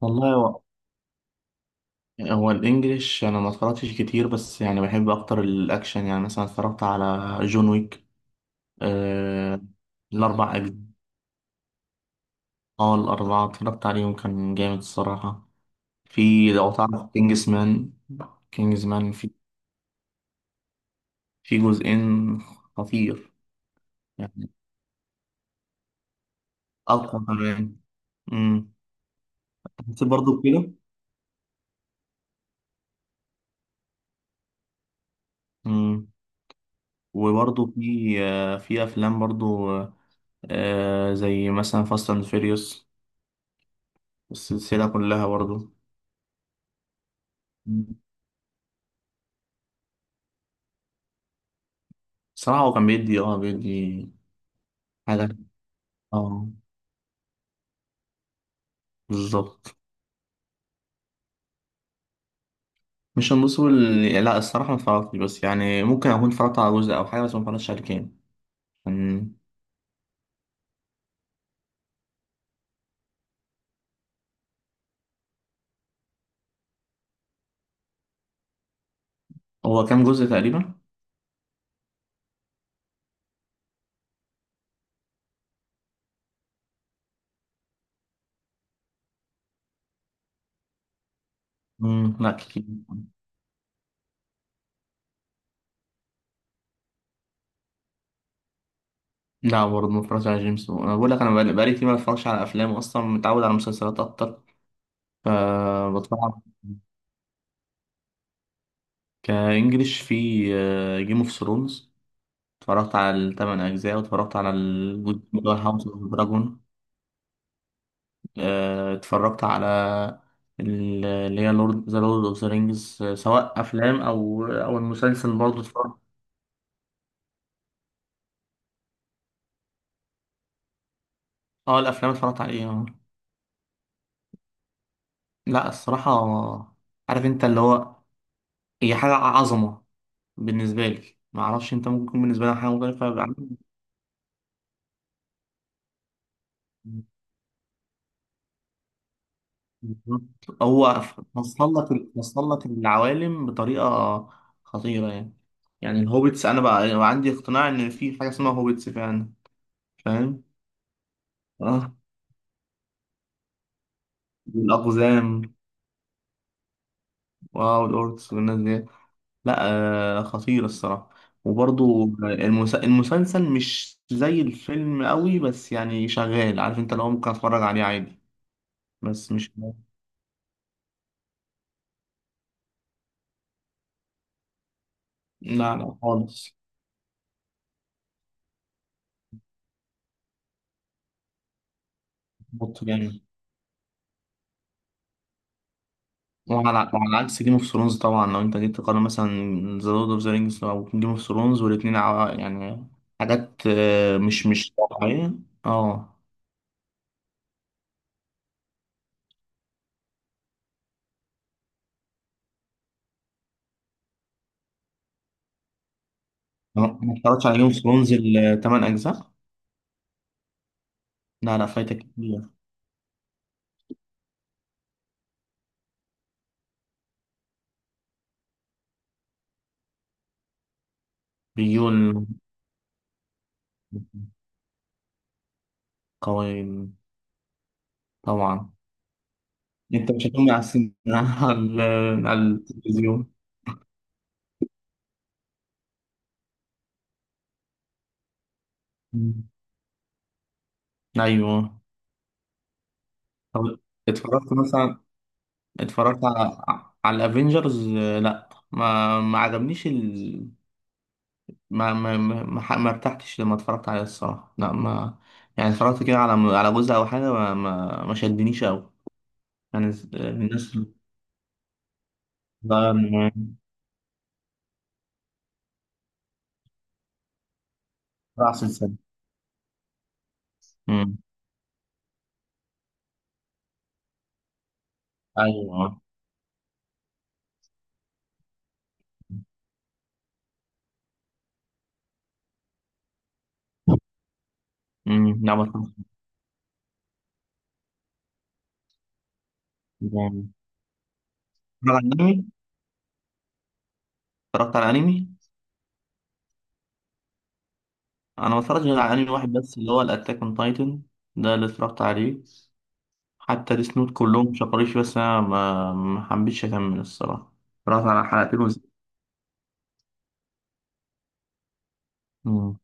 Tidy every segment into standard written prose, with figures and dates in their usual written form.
والله هو الانجليش، انا ما اتفرجتش كتير، بس يعني بحب اكتر الاكشن. يعني مثلا اتفرجت على جون ويك. آه، الاربع اجزاء. اه، الاربعه اتفرجت عليهم، كان جامد الصراحه. في، لو تعرف كينجز مان في جزئين، خطير يعني، اقوى كمان. امم حسيت برضه كده. امم وبرضه في، في افلام برضه، زي مثلا فاست اند فيريوس، السلسله كلها برضه. صراحة هو كان بيدي حاجة. اه، بالظبط. مش المسؤول. لا الصراحة ما اتفرجتش، بس يعني ممكن أكون اتفرجت على جزء أو حاجة، بس ما اتفرجتش على كام كان. هو كام جزء تقريبا؟ مم. لا كتير. لا برضه ما اتفرجتش على جيمس بوند. أنا بقول لك، أنا بقالي كتير ما اتفرجش على أفلام أصلا، متعود على مسلسلات أكتر. فبتفرج كإنجليش، في جيم اوف ثرونز، اتفرجت على الثمان أجزاء، واتفرجت على الجزء اللي هو هاوس اوف دراجون. اتفرجت على اللي هي ذا لورد اوف ذا رينجز، سواء افلام او او المسلسل برضه اتفرجت. اه، الافلام اتفرجت عليها. لا الصراحه، عارف انت اللي هو، هي حاجه عظمه بالنسبه لي، ما اعرفش انت ممكن يكون بالنسبه لك حاجه مختلفه عن-. بالظبط. هو وصل لك العوالم بطريقه خطيره يعني. يعني الهوبيتس انا بقى عندي اقتناع ان في حاجه اسمها هوبيتس فعلا. فاهم، اه، والاقزام، واو الأوركس والناس دي. لا، آه، خطير الصراحة. وبرضو مم. المسلسل مش زي الفيلم قوي، بس يعني شغال، عارف انت، لو ممكن اتفرج عليه عادي. بس مش، لا لا خالص. بط جامد. وعلى عكس جيم اوف ثرونز طبعا، لو انت جيت تقارن مثلا ذا لورد اوف ذا رينجز او جيم اوف ثرونز، والاتنين ع- يعني حاجات، مش واقعية. اه. ما اتفرجتش على جيم اوف ثرونز الثمان اجزاء. لا لا، فايتك كتير. بيقول قوي. طبعا انت مش هتقوم على السن على على التلفزيون. مم. ايوه. طب اتفرجت مثلا، اتفرجت على الافينجرز، لا ما عجبنيش ال...، ما ارتحتش لما اتفرجت عليه الصراحه. لا ما، يعني اتفرجت كده على جزء او حاجه، ما شدنيش قوي يعني. الناس بقى بتاع سلسله. امم. ايوه. امم، لا ما اتفرجتش. اتفرجت على انمي؟ اتفرجت على انمي. انا ما اتفرجتش غير على انمي واحد بس اللي هو الاتاك اون تايتن، ده اللي اتفرجت عليه. حتى ديس نوت كلهم شكروليش بس انا ما حبيتش اكمل الصراحه. اتفرجت على حلقتين وز... مم.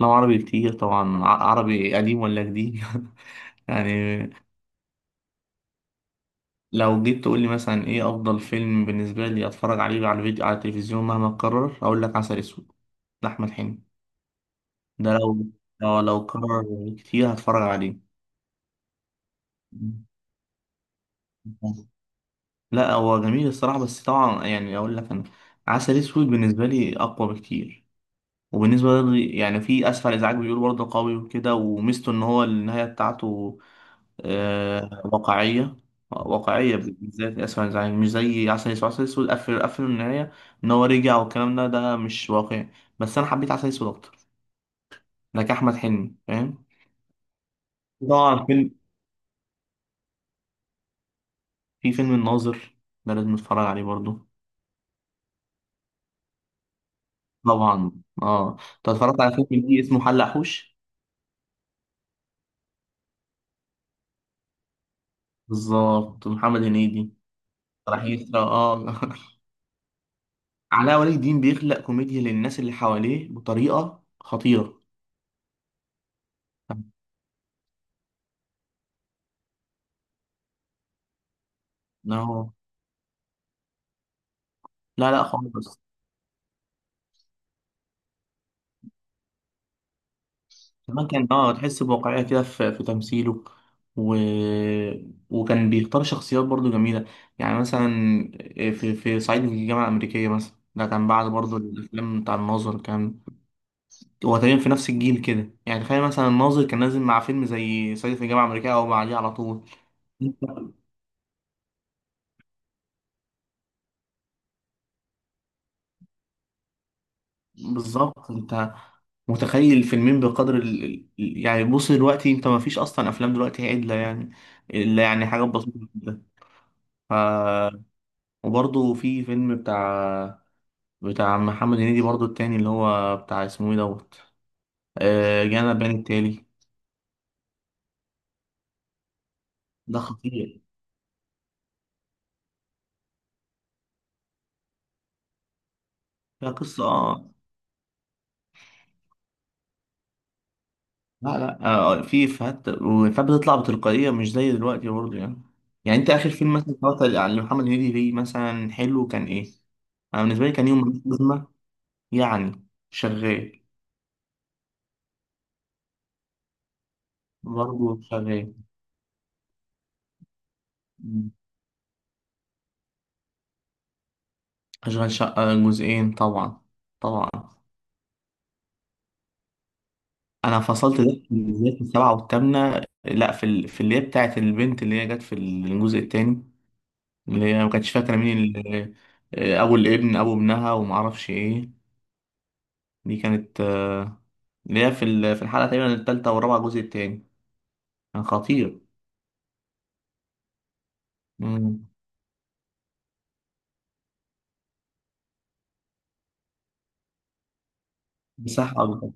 لو عربي كتير طبعا، ع- عربي قديم ولا جديد؟ يعني، لو جيت تقول لي مثلا ايه افضل فيلم بالنسبه لي اتفرج عليه على الفيديو على التلفزيون مهما اتكرر، اقول لك عسل اسود، لاحمد حلمي. ده لو، لو اتكرر كتير هتفرج عليه. لا هو جميل الصراحة، بس طبعا يعني أقول لك، أنا عسل أسود بالنسبة لي أقوى بكتير. وبالنسبة لي يعني في أسفل إزعاج، بيقول برضه قوي وكده، وميزته إن هو النهاية بتاعته آه، واقعية. واقعية بالذات أسفل إزعاج، مش زي عسل أسود. عسل أسود قفل قفل النهاية إن هو رجع، والكلام ده مش واقعي. بس أنا حبيت عسل أسود أكتر، لك أحمد حلمي، فاهم. طبعا فيلم، في فيلم الناظر، ده لازم نتفرج عليه برضه. طبعا. اه، انت اتفرجت على فيلم ليه اسمه حلق حوش؟ بالظبط، محمد هنيدي. راح يسرى، اه علاء ولي الدين بيخلق كوميديا للناس اللي حواليه بطريقة خطيرة. إن هو، لا لا خالص. كمان كان، تحس بواقعية كده في تمثيله. و... وكان بيختار شخصيات برضو جميلة، يعني مثلا آه، في في صعيدي في الجامعة الأمريكية مثلا، ده كان بعد برضو الأفلام بتاع الناظر. كان هو تقريبا في نفس الجيل كده. يعني تخيل مثلا الناظر كان نازل مع فيلم زي صعيدي في الجامعة الأمريكية أو بعديه على طول. بالظبط، انت متخيل الفيلمين بقدر ال... ال- يعني. بص دلوقتي انت ما فيش اصلا افلام دلوقتي عدله يعني، الا يعني حاجات بسيطه جدا. ف، وبرضه في فيلم بتاع محمد هنيدي برضه التاني اللي هو بتاع، اسمه ايه دوت، جانا بيان التالي. ده خطير. ده قصه، اه. لا لا، في افيهات وافيهات بتطلع بتلقائيه مش زي دلوقتي برضه يعني. يعني انت اخر فيلم مثلا اتفرجت على محمد هنيدي ليه مثلا حلو كان ايه؟ انا بالنسبه لي كان يوم، يعني شغال. برضه شغال. مم. أشغال شقة جزئين طبعا. طبعا. أنا فصلت ده بالذات في السبعة والثامنة، لأ في ال...، في اللي هي بتاعت البنت اللي هي جت في الجزء التاني، اللي هي ما كانتش فاكرة مين اللي...، أبو ابنها ومعرفش إيه. دي كانت اللي هي في ال...، في الحلقة تقريبا التالتة والرابعة الجزء التاني، كان خطير. مم. مساحة أكبر.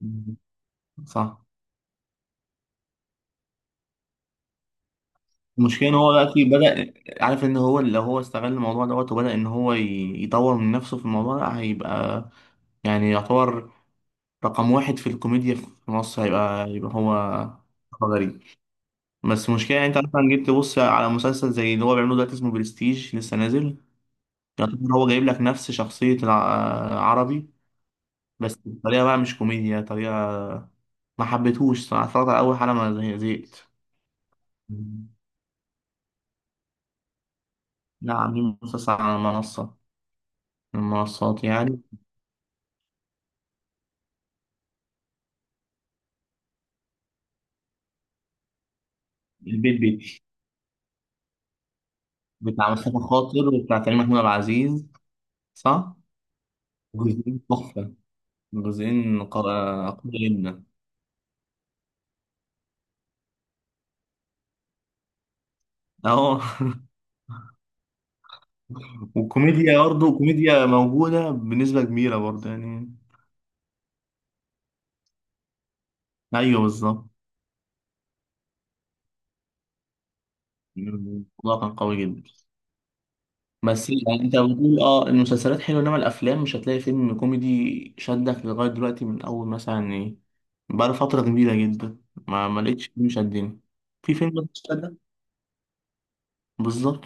مم. صح. المشكلة ان هو دلوقتي بدأ، عارف ان هو لو هو استغل الموضوع دوت، وبدأ ان هو ي- يطور من نفسه في الموضوع ده، هيبقى يعني يعتبر رقم واحد في الكوميديا في مصر. هيبقى يبقى هو غريب. بس المشكلة يعني انت مثلا جيت تبص على مسلسل زي اللي هو بيعمله دلوقتي اسمه برستيج لسه نازل. يعتبر هو جايب لك نفس شخصية العربي، بس بطريقة بقى مش كوميديا، طريقة ما حبيتهوش صراحة. اتفرجت على أول حلقة ما زه-، زهقت. لا عاملين مسلسل على منصة، من المنصات يعني. البيت بيتي بتاع مصطفى خاطر وبتاع كريم محمود عبد العزيز. صح؟ جزئين تحفة، جزئين قا- قوية جدا. اهو والكوميديا برضه كوميديا موجودة بنسبة كبيرة برضه يعني. ايوه بالظبط. الموضوع كان قوي جدا. بس يعني انت بتقول اه المسلسلات حلوة، انما الافلام مش هتلاقي فيلم كوميدي شدك لغاية دلوقتي من اول مثلا ايه، بقى فترة كبيرة جدا ما لقيتش فيلم شدني. في فيلم شدك؟ بالظبط.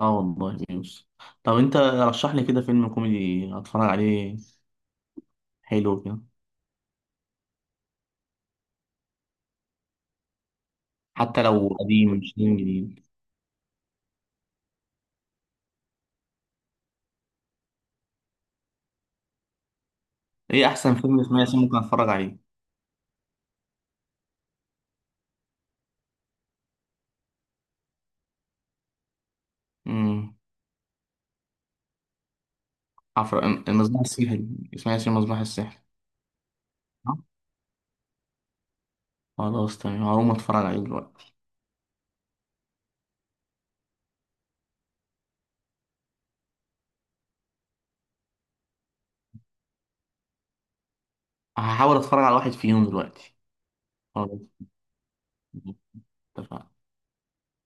اه، والله بيوس. طب انت رشح لي كده فيلم كوميدي اتفرج عليه حلو كده. حتى لو قديم، مش لازم جديد. ايه احسن فيلم اسماعيل ياسين ممكن اتفرج عليه؟ امم، عفر، المصباح السحري. اسماعيل ياسين، المصباح السحري. آه، خلاص تمام، هقوم اتفرج عليه دلوقتي. هحاول اتفرج على واحد فيهم دلوقتي. خلاص، اتفقنا.